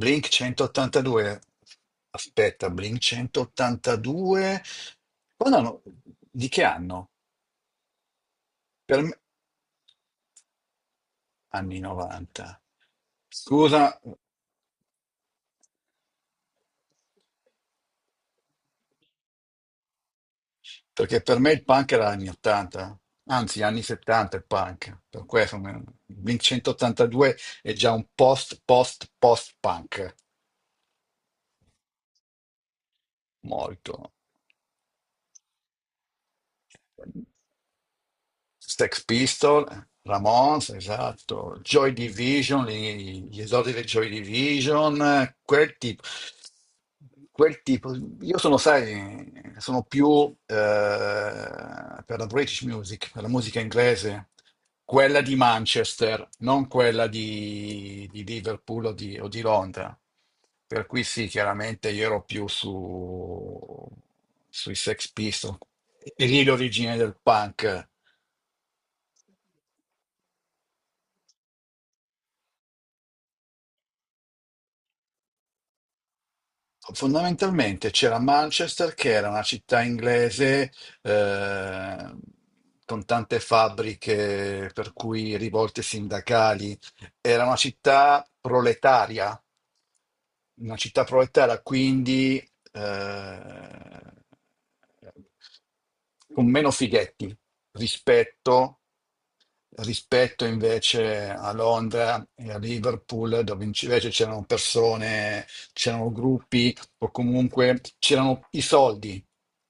Blink 182. Aspetta, Blink 182. Quando hanno- Di che anno? Per me... Anni 90. Scusa, perché per me il punk era anni 80. Anzi, anni 70 il punk. Blink 182 è già un post, post, post punk. Molto. Sex Pistols, Ramones, esatto, Joy Division, gli esordi del Joy Division, quel tipo. Quel tipo. Io sono, sai, sono più eh, per la British music, per la musica inglese, quella di Manchester, non quella di Liverpool o o di Londra. Per cui sì, chiaramente io ero più su, sui Sex Pistols, e lì l'origine del punk. Fondamentalmente c'era Manchester, che era una città inglese eh, con tante fabbriche, per cui rivolte sindacali. Era una città proletaria, quindi con meno fighetti rispetto, rispetto invece a Londra e a Liverpool, dove invece c'erano persone, c'erano gruppi o comunque c'erano i soldi.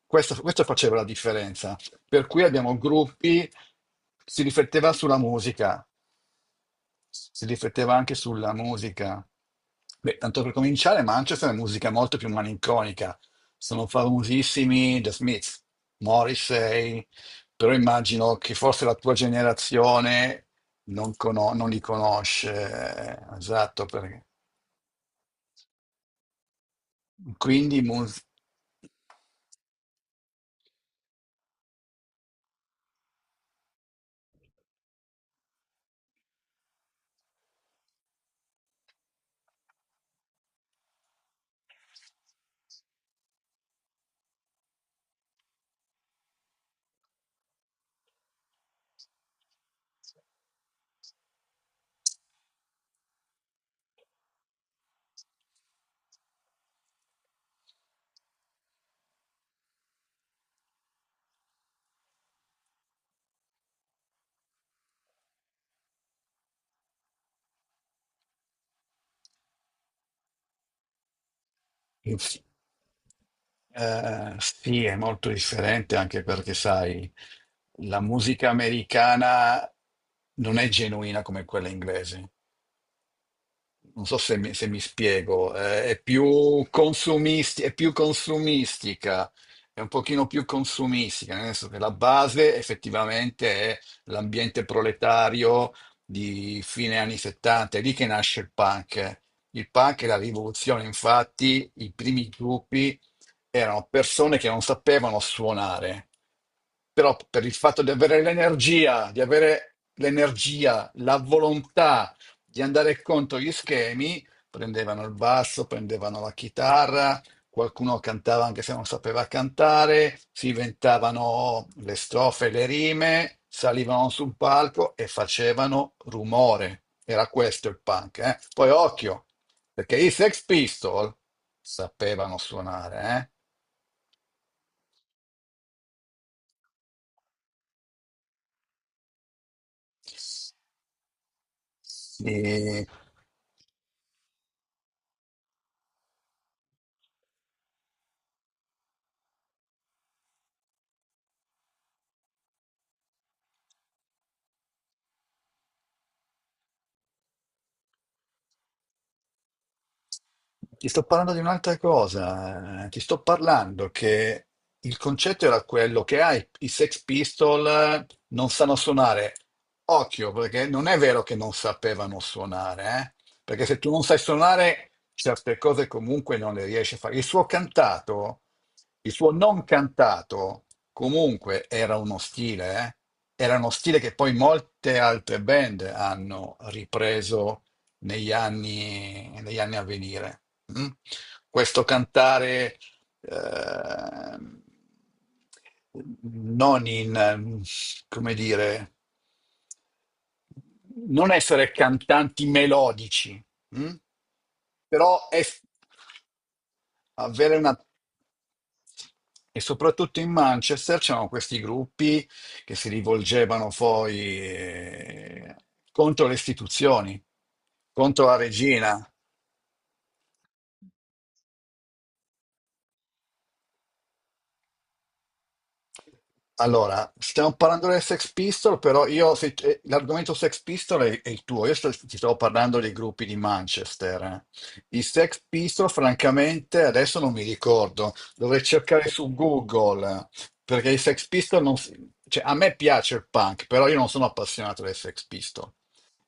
Questo faceva la differenza. Per cui abbiamo gruppi, si rifletteva sulla musica, si rifletteva anche sulla musica. Beh, tanto per cominciare, Manchester è musica molto più malinconica. Sono famosissimi The Smiths, Morrissey, però immagino che forse la tua generazione non, non li conosce. Esatto, perché... quindi musica. Eh sì. Sì, è molto differente anche perché, sai, la musica americana non è genuina come quella inglese. Non so se mi, se mi spiego, è più consumistica, è un pochino più consumistica, nel senso che la base effettivamente è l'ambiente proletario di fine anni 70, è lì che nasce il punk. Il punk e la rivoluzione, infatti, i primi gruppi erano persone che non sapevano suonare, però per il fatto di avere l'energia, la volontà di andare contro gli schemi, prendevano il basso, prendevano la chitarra, qualcuno cantava anche se non sapeva cantare, si inventavano le strofe, le rime, salivano su un palco e facevano rumore. Era questo il punk, eh? Poi occhio, perché i Sex Pistol sapevano suonare, eh? I, Ti sto parlando di un'altra cosa, ti sto parlando che il concetto era quello che ah, i Sex Pistol non sanno suonare. Occhio, perché non è vero che non sapevano suonare, perché se tu non sai suonare certe cose comunque non le riesci a fare. Il suo cantato, il suo non cantato comunque era uno stile, era uno stile che poi molte altre band hanno ripreso negli anni a venire. Mm? Questo cantare ehm, non in, come dire, non essere cantanti melodici, mm? Però avere una... E soprattutto in Manchester c'erano questi gruppi che si rivolgevano poi eh, contro le istituzioni, contro la regina. Allora, stiamo parlando delle Sex Pistol, però io l'argomento Sex Pistol è il tuo, ti stavo parlando dei gruppi di Manchester. Eh. I Sex Pistol, francamente, adesso non mi ricordo, dovrei cercare su Google, perché i Sex Pistol non... cioè, a me piace il punk, però io non sono appassionato dei Sex Pistol.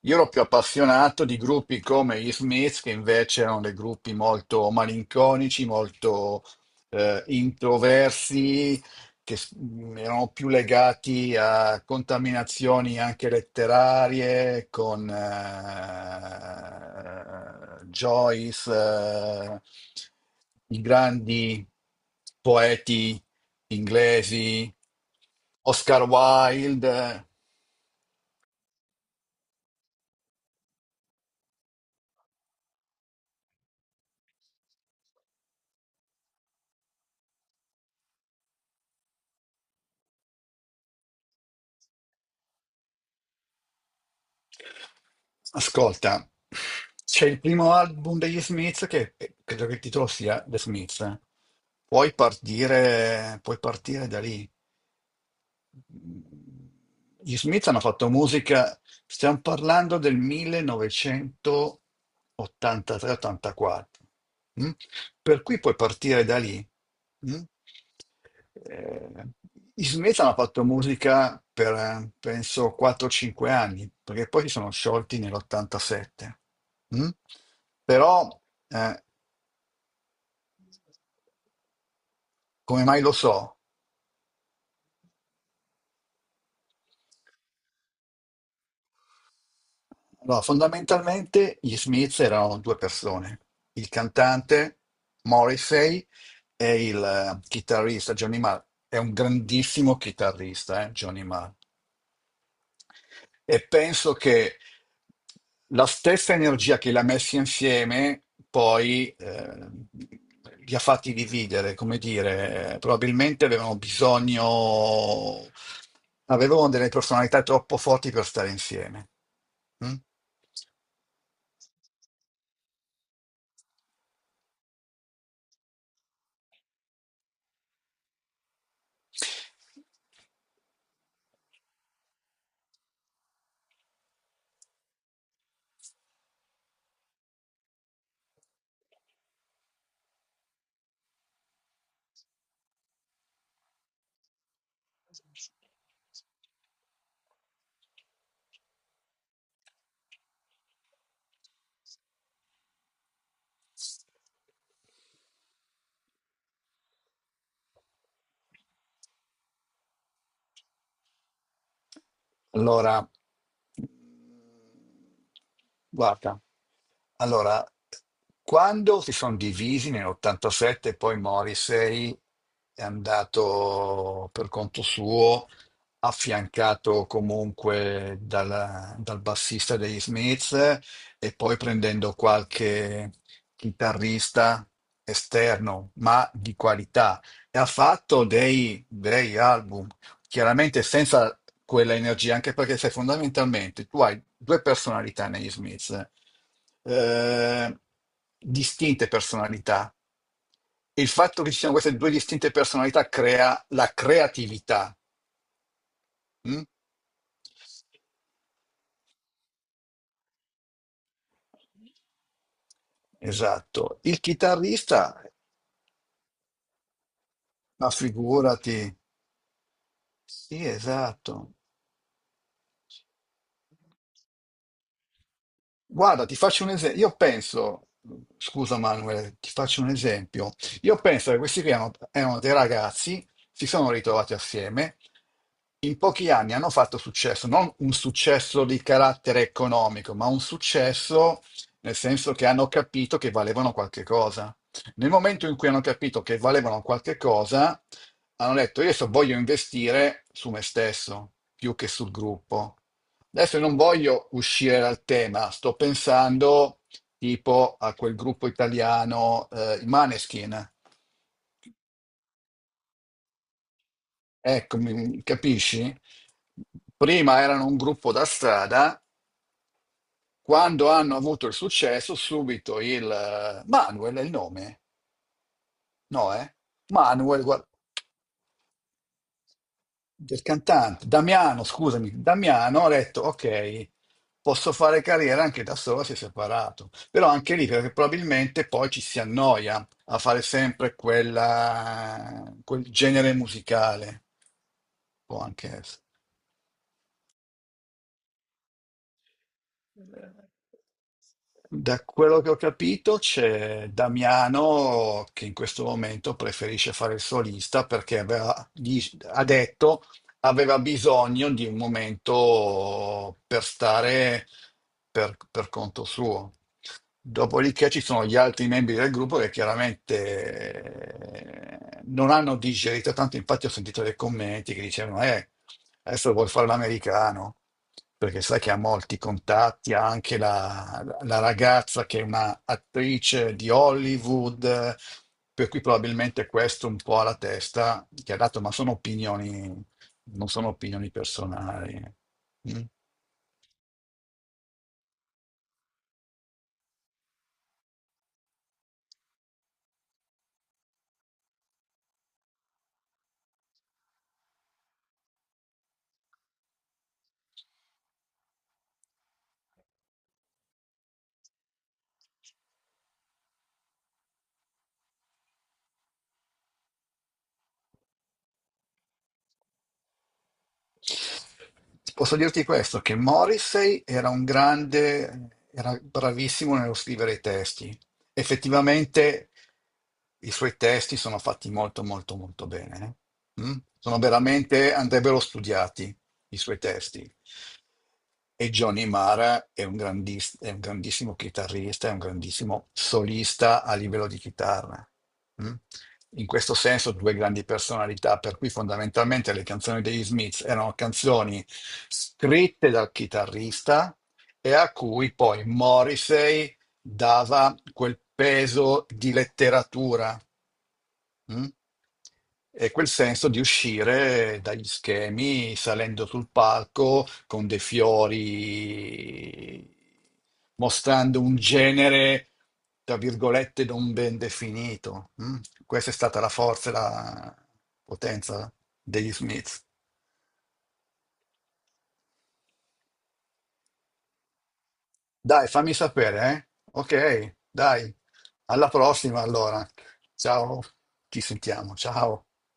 Io ero più appassionato di gruppi come gli Smiths, che invece erano dei gruppi molto malinconici, molto introversi, che s- erano più legati a contaminazioni anche letterarie con Joyce, i grandi poeti inglesi, Oscar Wilde. Ascolta, c'è il primo album degli Smith che credo che il titolo sia The Smith. Puoi partire da lì. Gli Smith hanno fatto musica, stiamo parlando del 1983-84, mm? Per cui puoi partire da lì. Mm? Eh, gli Smith hanno fatto musica per, penso, 4-5 anni, perché poi si sono sciolti nell'87. Però, eh, come mai lo so? Allora, fondamentalmente gli Smith erano due persone, il cantante Morrissey e il chitarrista Johnny Marr. È un grandissimo chitarrista, Johnny Marr. E penso che la stessa energia che li ha messi insieme poi li ha fatti dividere, come dire, probabilmente avevano delle personalità troppo forti per stare insieme. Mm? Allora, guarda, allora, quando si sono divisi nell'87, poi Morrissey è andato per conto suo, affiancato comunque dal bassista degli Smith e poi prendendo qualche chitarrista esterno, ma di qualità. E ha fatto dei bei album, chiaramente senza quella energia, anche perché sai, fondamentalmente tu hai due personalità negli Smith, eh, distinte personalità. E il fatto che ci siano queste due distinte personalità crea la creatività. Mm? Esatto. Il chitarrista, ma figurati, sì, esatto. Guarda, ti faccio un esempio. Io penso, scusa Manuel, ti faccio un esempio. Io penso che questi qui erano dei ragazzi, si sono ritrovati assieme, in pochi anni hanno fatto successo, non un successo di carattere economico, ma un successo nel senso che hanno capito che valevano qualche cosa. Nel momento in cui hanno capito che valevano qualche cosa, hanno detto, io adesso voglio investire su me stesso più che sul gruppo. Adesso non voglio uscire dal tema, sto pensando tipo a quel gruppo italiano, i Maneskin. Ecco, capisci? Prima erano un gruppo da strada, quando hanno avuto il successo, subito il... Manuel è il nome? No, eh? Manuel, guarda. Del cantante Damiano, scusami, Damiano ha detto ok, posso fare carriera anche da solo se separato, però anche lì perché probabilmente poi ci si annoia a fare sempre quel genere musicale, può anche essere. Da quello che ho capito c'è Damiano che in questo momento preferisce fare il solista perché ha detto aveva bisogno di un momento per stare per conto suo. Dopodiché ci sono gli altri membri del gruppo che chiaramente non hanno digerito tanto, infatti ho sentito dei commenti che dicevano, adesso vuoi fare l'americano, perché sai che ha molti contatti, ha anche la ragazza che è una attrice di Hollywood, per cui probabilmente questo un po' alla testa, che ha dato, ma sono opinioni non sono opinioni personali. Mm. Posso dirti questo, che Morrissey era un grande, era bravissimo nello scrivere i testi. Effettivamente i suoi testi sono fatti molto molto molto bene. Eh. Mm. Andrebbero studiati. I suoi testi. E Johnny Mara è un grandissimo chitarrista, è un grandissimo solista a livello di chitarra. Mm? In questo senso, due grandi personalità, per cui fondamentalmente le canzoni degli Smiths erano canzoni scritte dal chitarrista e a cui poi Morrissey dava quel peso di letteratura. Mm? E quel senso di uscire dagli schemi salendo sul palco con dei fiori, mostrando un genere, tra virgolette, non ben definito. Mm? Questa è stata la forza e la potenza degli Smith. Dai, fammi sapere, eh? Ok, dai, alla prossima allora. Ciao, ci sentiamo, ciao.